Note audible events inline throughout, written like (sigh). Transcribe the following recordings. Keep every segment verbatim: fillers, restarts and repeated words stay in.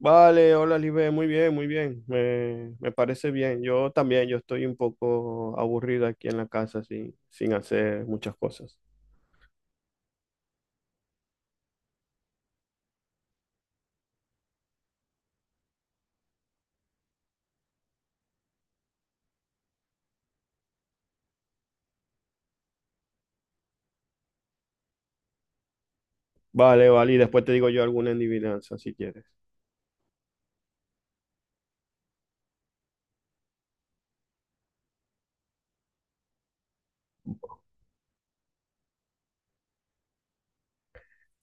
Vale, hola Libe, muy bien, muy bien, me, me parece bien. Yo también, yo estoy un poco aburrido aquí en la casa sin, sin hacer muchas cosas. Vale, vale, y después te digo yo alguna adivinanza si quieres.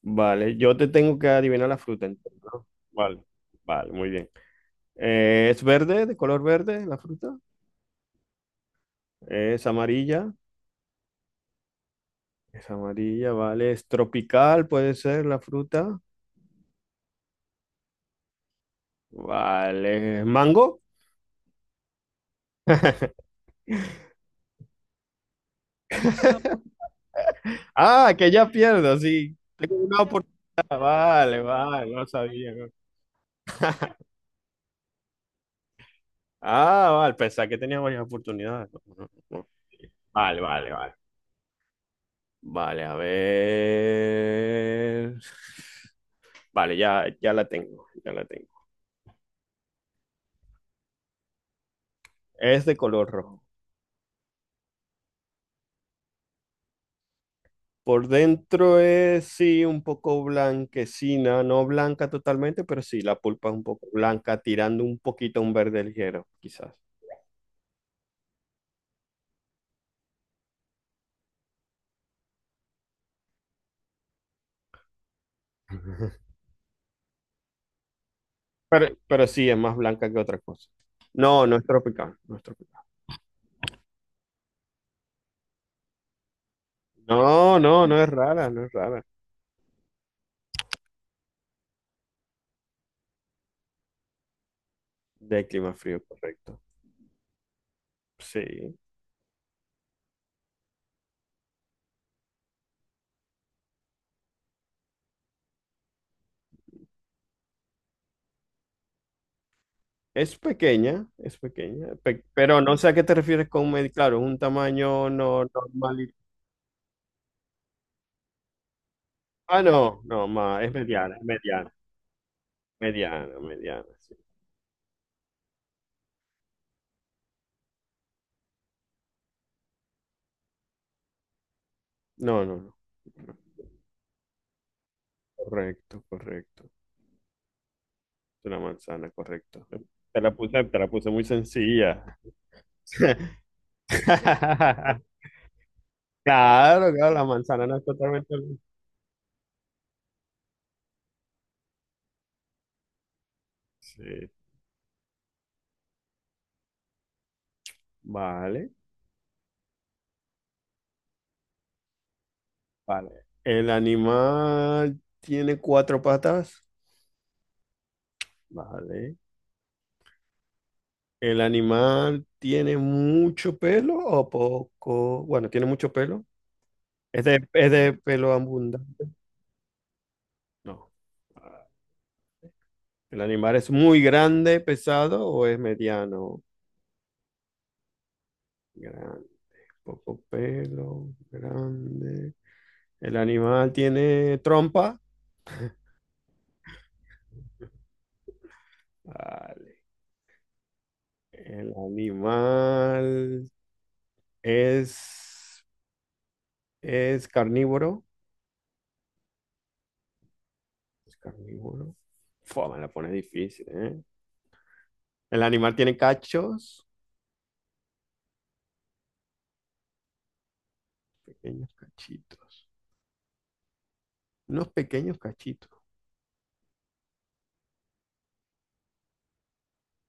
Vale, yo te tengo que adivinar la fruta entonces, ¿no? Vale, vale, muy bien. Eh, ¿es verde, de color verde la fruta? ¿Es amarilla? Es amarilla, vale. ¿Es tropical, puede ser la fruta? Vale, ¿mango? Ah, que ya pierdo, sí. Tengo una. Ah, vale, vale, no sabía. ¿No? (laughs) Ah, vale, pensaba que tenía varias oportunidades. No, no, no. Vale, vale, vale. Vale, a ver. Vale, ya, ya la tengo, ya la tengo. Es de color rojo. Por dentro es, sí, un poco blanquecina, no blanca totalmente, pero sí, la pulpa es un poco blanca, tirando un poquito a un verde ligero, quizás. (laughs) Pero sí, es más blanca que otra cosa. No, no es tropical, no es tropical. No, no, no es rara, no es rara. De clima frío, correcto. Sí. Es pequeña, es pequeña, pe- pero no sé a qué te refieres con medio. Claro, es un tamaño no normal. Y... ah, no, no, ma, es mediana, es mediana, mediana, mediana, sí. No, no, no. No. Correcto, correcto. Es una manzana, correcto. Te la puse, te la puse muy sencilla. (laughs) Claro, claro, la manzana no es totalmente. Sí, vale. Vale. El animal tiene cuatro patas. Vale. El animal tiene mucho pelo o poco. Bueno, tiene mucho pelo. Es de, es de pelo abundante. No. El animal es muy grande, pesado o es mediano. Grande. Poco pelo, grande. El animal tiene trompa. Vale. El animal es, es carnívoro. Es carnívoro. Fua, me la pone difícil, ¿eh? El animal tiene cachos, pequeños cachitos, unos pequeños cachitos.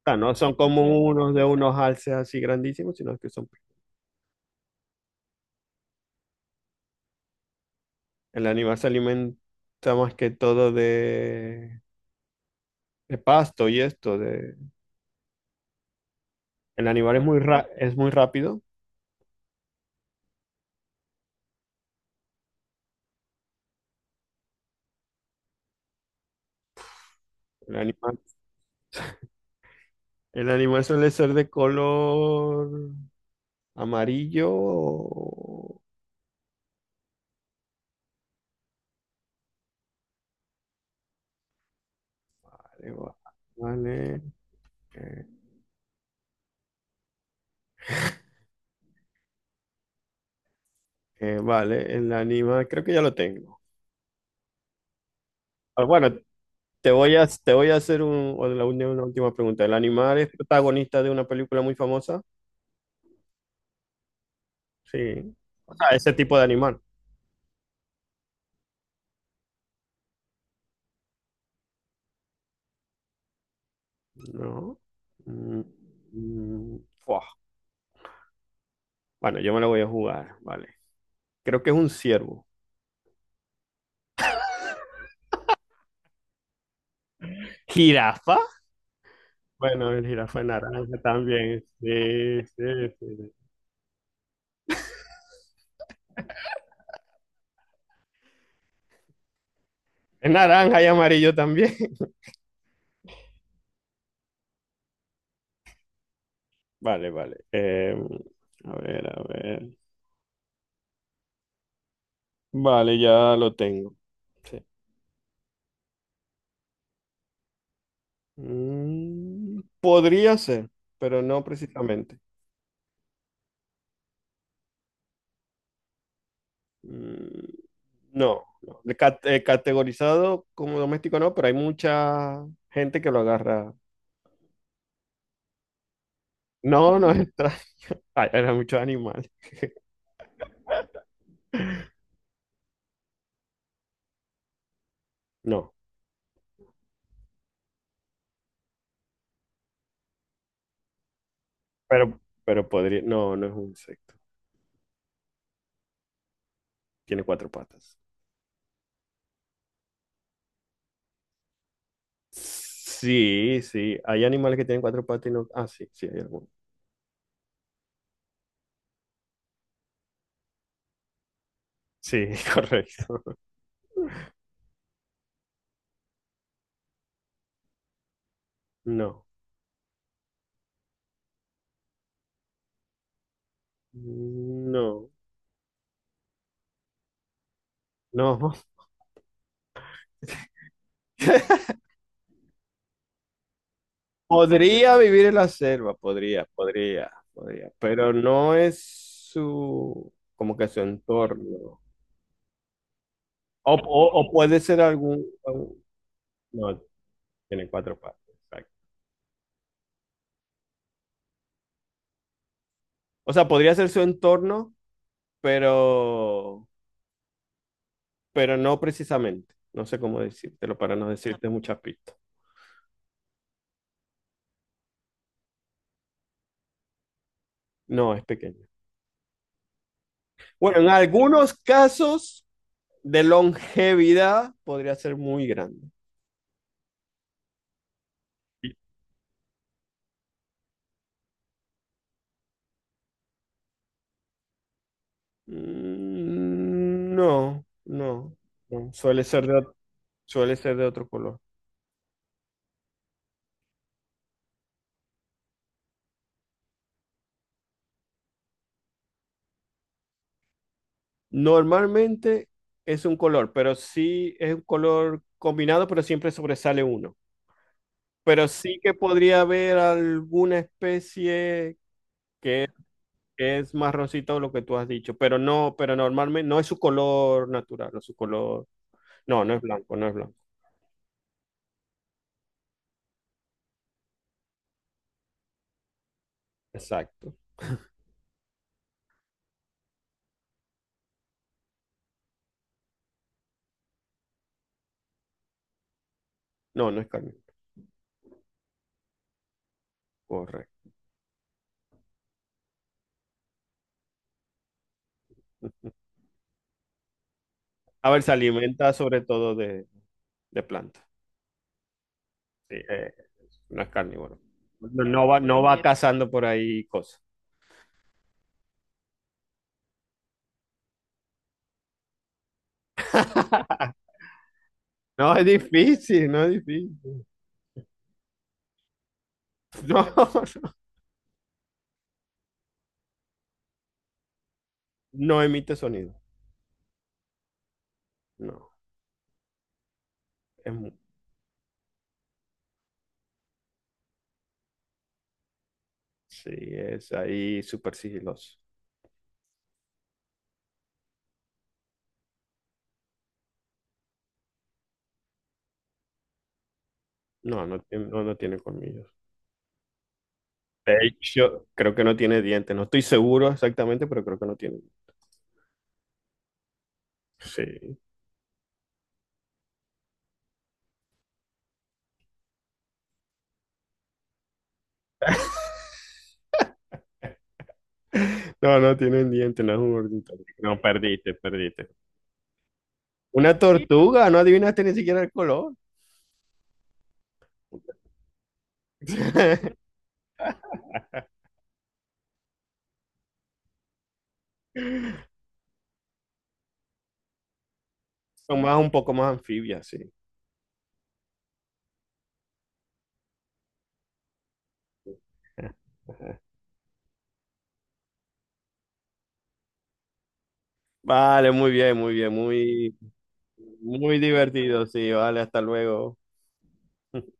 O sea, no son como unos de unos alces así grandísimos, sino que son... El animal se alimenta más que todo de, de pasto y esto. De... el animal es muy, ra- es muy rápido. El animal, el animal suele ser de color amarillo. o- Vale, va- vale. eh, eh, vale, el animal, creo que ya lo tengo. Ah, bueno, te voy a, te voy a hacer un- una, una última pregunta. ¿El animal es protagonista de una película muy famosa? Sí. O sea, ese tipo de animal. No. Mm, mm, fuah. Bueno, yo me lo voy a jugar, vale. Creo que es un ciervo. ¿Jirafa? Bueno, el jirafa es naranja también. Sí, sí, sí. Es naranja y amarillo también. (laughs) Vale, vale. Eh, a ver, a ver. Vale, ya lo tengo. Sí. Mm, podría ser, pero no precisamente. Mm, no, no. De cat- eh, categorizado como doméstico no, pero hay mucha gente que lo agarra. No, no entra. (laughs) Hay, hay muchos animales. (laughs) No, pero, pero podría. No, no es un insecto. Tiene cuatro patas. Sí, sí. Hay animales que tienen cuatro patas y no. Ah, sí, sí, hay algunos. Sí, (laughs) correcto. No, no, no. (laughs) Podría vivir en la selva, podría, podría, podría, pero no es su, como que su entorno. O, o- o puede ser algún, algún- no, tiene cuatro patas, exacto. O sea, podría ser su entorno, pero, pero no precisamente. No sé cómo decírtelo para no decirte muchas pistas. No, es pequeño. Bueno, en algunos casos de longevidad podría ser muy grande. Mm, no, no, no. Suele ser de, ot- suele ser de otro color. Normalmente es un color, pero sí es un color combinado, pero siempre sobresale uno. Pero sí que podría haber alguna especie que es marroncito, lo que tú has dicho, pero no, pero normalmente no es su color natural, o su color. No, no es blanco, no es blanco. Exacto. No, no es carne. Correcto. (laughs) A ver, se alimenta sobre todo de, de plantas. Sí, eh, no es carnívoro. No, no va, no va cazando por ahí cosas. (laughs) No es difícil, no es difícil. No, (laughs) no, no emite sonido. No, es mu- sí, es ahí súper sigiloso. No, no, tiene- no, no tiene colmillos. De hecho, creo que no tiene dientes. No estoy seguro exactamente, pero creo que no tiene. Sí. (laughs) No, no tiene dientes, no es un ornitorrinco. No, perdiste, perdiste. Una tortuga, no adivinaste ni siquiera el color. (laughs) Son más un poco más anfibias, sí. Vale, muy bien, muy bien, muy, muy divertido, sí, vale, hasta luego. (laughs)